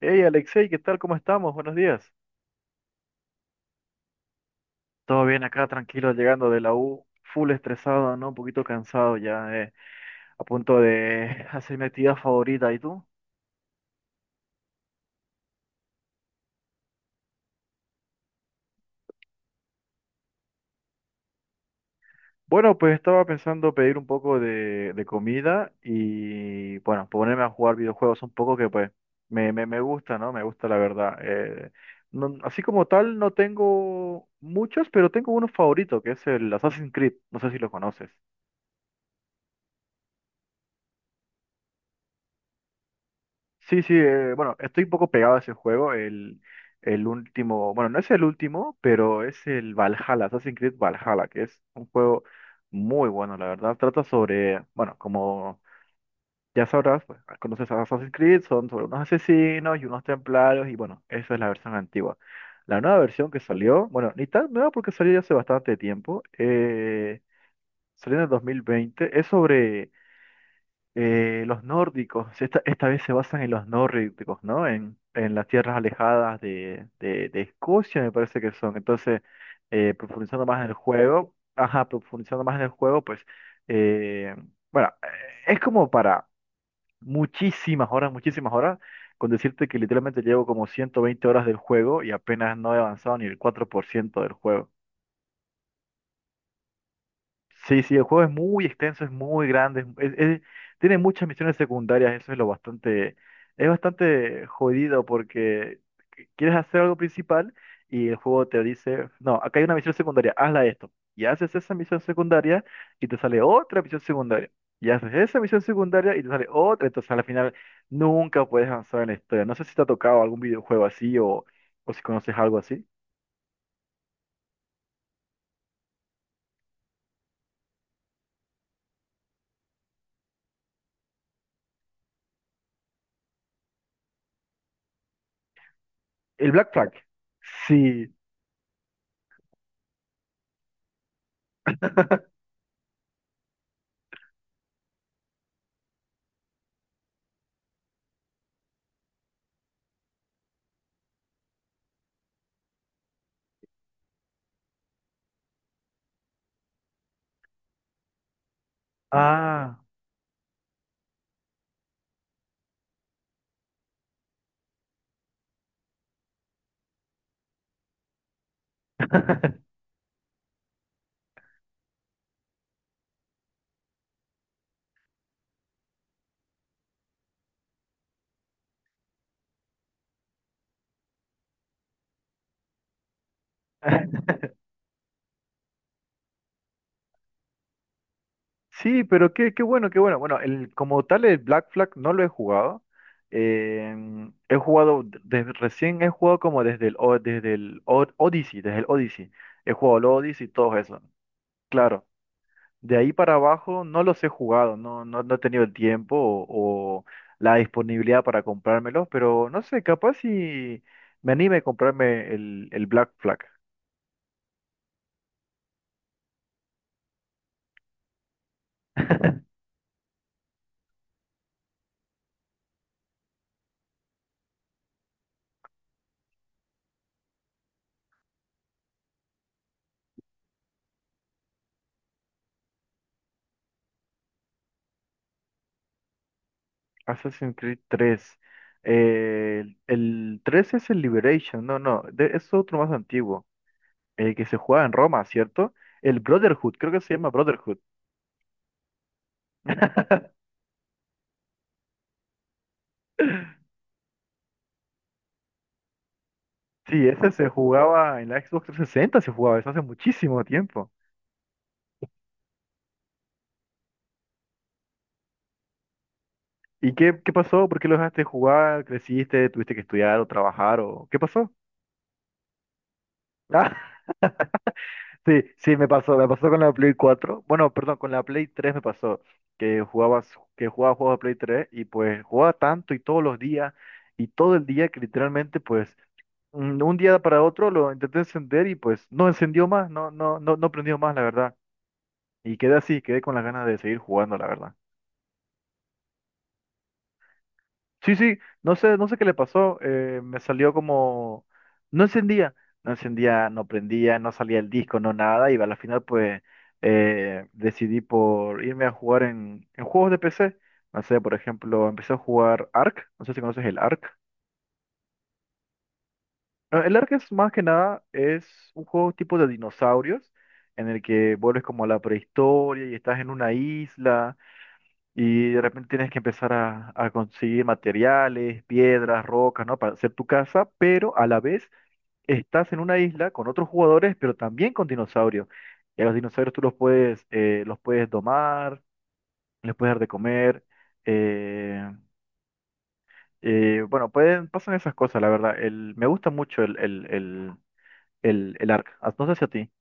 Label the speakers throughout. Speaker 1: Hey Alexei, ¿qué tal? ¿Cómo estamos? Buenos días. Todo bien acá, tranquilo, llegando de la U, full estresado, ¿no? Un poquito cansado ya, a punto de hacer mi actividad favorita. ¿Y tú? Bueno, pues estaba pensando pedir un poco de comida y, bueno, ponerme a jugar videojuegos un poco que, pues, me gusta, ¿no? Me gusta la verdad. No- así como tal, no tengo muchos, pero tengo uno favorito, que es el Assassin's Creed. No sé si lo conoces. Sí, sí, bueno, estoy un poco pegado a ese juego, el último, bueno, no es el último, pero es el Valhalla, Assassin's Creed Valhalla, que es un juego muy bueno, la verdad, trata sobre, bueno, como ya sabrás, pues, conoces a Assassin's Creed, son sobre unos asesinos y unos templarios, y bueno, esa es la versión antigua. La nueva versión que salió, bueno, ni tan nueva porque salió ya hace bastante tiempo, salió en el 2020, es sobre los nórdicos, esta vez se basan en los nórdicos, ¿no? En las tierras alejadas de Escocia, me parece que son. Entonces, profundizando más en el juego, ajá, profundizando más en el juego, pues, eh, bueno, es como para muchísimas horas, con decirte que literalmente llevo como 120 horas del juego y apenas no he avanzado ni el 4% del juego. Sí, sí, el juego es muy extenso, es muy grande, tiene muchas misiones secundarias, eso es lo bastante, es bastante jodido porque quieres hacer algo principal y el juego te dice, no, acá hay una misión secundaria, hazla esto. Y haces esa misión secundaria y te sale otra misión secundaria. Y haces esa misión secundaria y te sale otra, entonces al final nunca puedes avanzar en la historia. No sé si te ha tocado algún videojuego o si conoces algo así. El Black Flag. Sí. Ah. Sí, pero qué, qué bueno, qué bueno. Bueno, el, como tal el Black Flag no lo he jugado. He jugado, desde, recién he jugado como desde desde Odyssey, desde el Odyssey. He jugado el Odyssey y todo eso. Claro, de ahí para abajo no los he jugado, no, no, no he tenido el tiempo o la disponibilidad para comprármelos, pero no sé, capaz si me anime a comprarme el Black Flag. Assassin's Creed tres. El 3 es el Liberation, no, no, es otro más antiguo, el que se jugaba en Roma, ¿cierto? El Brotherhood, creo que se llama Brotherhood. Sí, ese se jugaba en la Xbox 360, se jugaba eso hace muchísimo tiempo. ¿Y qué, qué pasó? ¿Por qué lo dejaste de jugar? ¿Creciste? ¿Tuviste que estudiar o trabajar? ¿O qué pasó? Sí, sí, me pasó con la Play 4. Bueno, perdón, con la Play 3 me pasó que jugabas, que jugaba juegos de Play 3 y pues jugaba tanto y todos los días y todo el día que literalmente pues un día para otro lo intenté encender y pues no encendió más, no, no, no, no prendió más, la verdad. Y quedé así, quedé con las ganas de seguir jugando, la verdad. Sí, sí, no sé, no sé qué le pasó, me salió no encendía, no encendía, no prendía, no salía el disco, no nada, y a la final pues decidí por irme a jugar en juegos de PC, no sé, por ejemplo, empecé a jugar Ark, no sé si conoces el Ark. Ah, el Ark es más que nada, es un juego tipo de dinosaurios, en el que vuelves como a la prehistoria y estás en una isla. Y de repente tienes que empezar a conseguir materiales, piedras, rocas, ¿no? Para hacer tu casa, pero a la vez estás en una isla con otros jugadores, pero también con dinosaurios. Y a los dinosaurios tú los puedes domar, les puedes dar de comer. eh, bueno, pueden, pasan esas cosas, la verdad. El, me gusta mucho el Ark. Ah, no sé si a ti.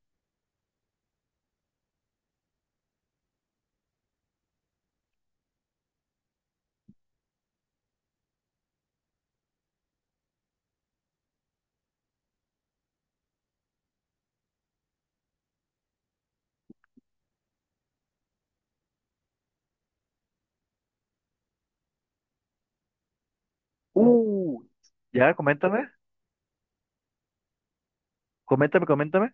Speaker 1: Uh, ya, coméntame, coméntame, coméntame.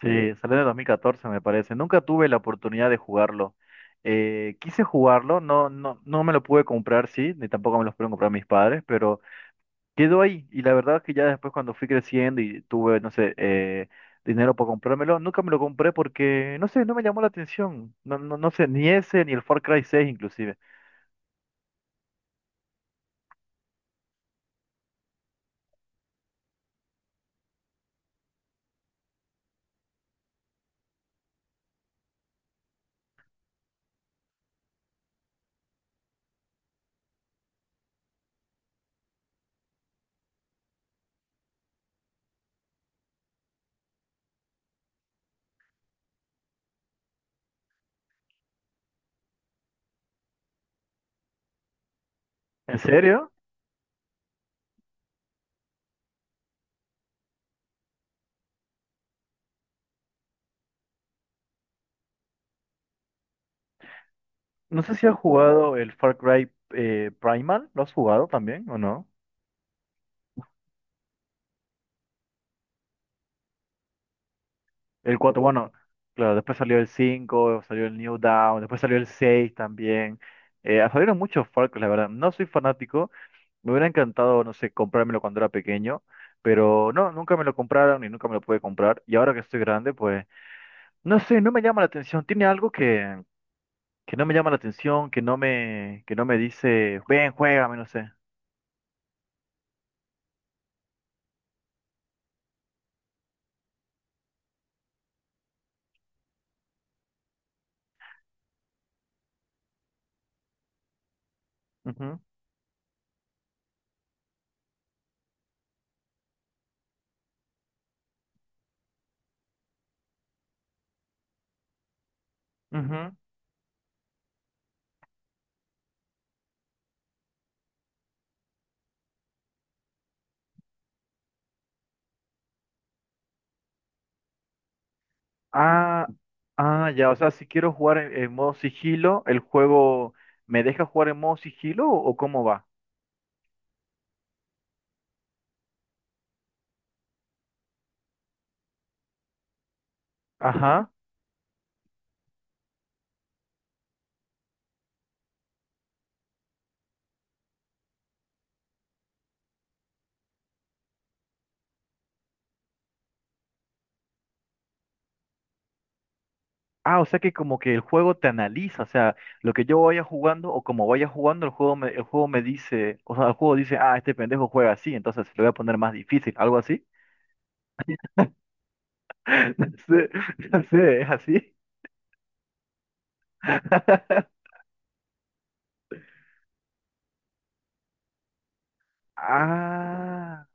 Speaker 1: Sí, salió en el 2014 me parece. Nunca tuve la oportunidad de jugarlo. Quise jugarlo, no, no, no me lo pude comprar, sí, ni tampoco me los pudieron comprar mis padres, pero quedó ahí. Y la verdad es que ya después cuando fui creciendo y tuve, no sé, dinero para comprármelo, nunca me lo compré porque, no sé, no me llamó la atención. No, no, no sé, ni ese, ni el Far Cry 6 inclusive. ¿En serio? No sé si has jugado el Far Cry Primal, ¿lo has jugado también o no? El 4 bueno, claro, después salió el cinco, salió el New Dawn, después salió el 6 también. Salieron muchos Far Cry, la verdad. No soy fanático, me hubiera encantado, no sé, comprármelo cuando era pequeño, pero no, nunca me lo compraron y nunca me lo pude comprar. Y ahora que estoy grande, pues, no sé, no me llama la atención. Tiene algo que no me llama la atención, que no me dice, ven, juégame, no sé. Ujú, ujú. Ah, ah, ya, o sea, si quiero jugar en modo sigilo, ¿el juego me deja jugar en modo sigilo o cómo va? Ajá. Ah, o sea que como que el juego te analiza, o sea, lo que yo vaya jugando o como vaya jugando, el juego me dice, o sea, el juego dice, ah, este pendejo juega así, entonces le voy a poner más difícil, algo así. No sé, no sé, ¿es así? Ah,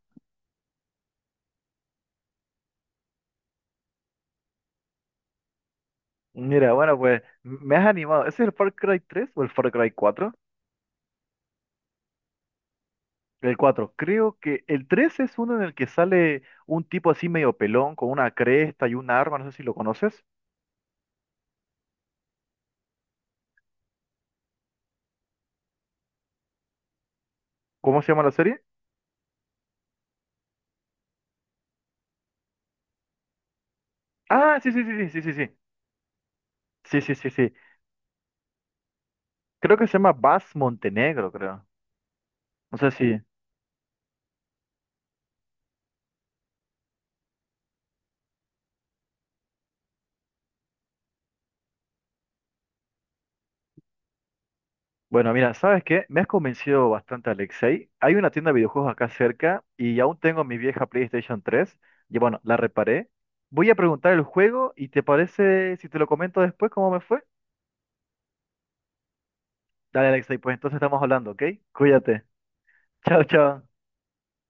Speaker 1: mira, bueno, pues me has animado. ¿Ese es el Far Cry 3 o el Far Cry 4? El cuatro. Creo que el 3 es uno en el que sale un tipo así medio pelón con una cresta y un arma, no sé si lo conoces. ¿Cómo se llama la serie? Ah, sí, sí, sí, sí, sí, sí, sí. Sí, sí, sí, sí. Creo que se llama Bas Montenegro, creo. No sé si. Bueno, mira, ¿sabes qué? Me has convencido bastante, Alexei. Hay una tienda de videojuegos acá cerca y aún tengo mi vieja PlayStation 3. Y bueno, la reparé. Voy a preguntar el juego y ¿te parece si te lo comento después cómo me fue? Dale, Alexei, pues entonces estamos hablando, ¿ok? Cuídate. Chao, chao.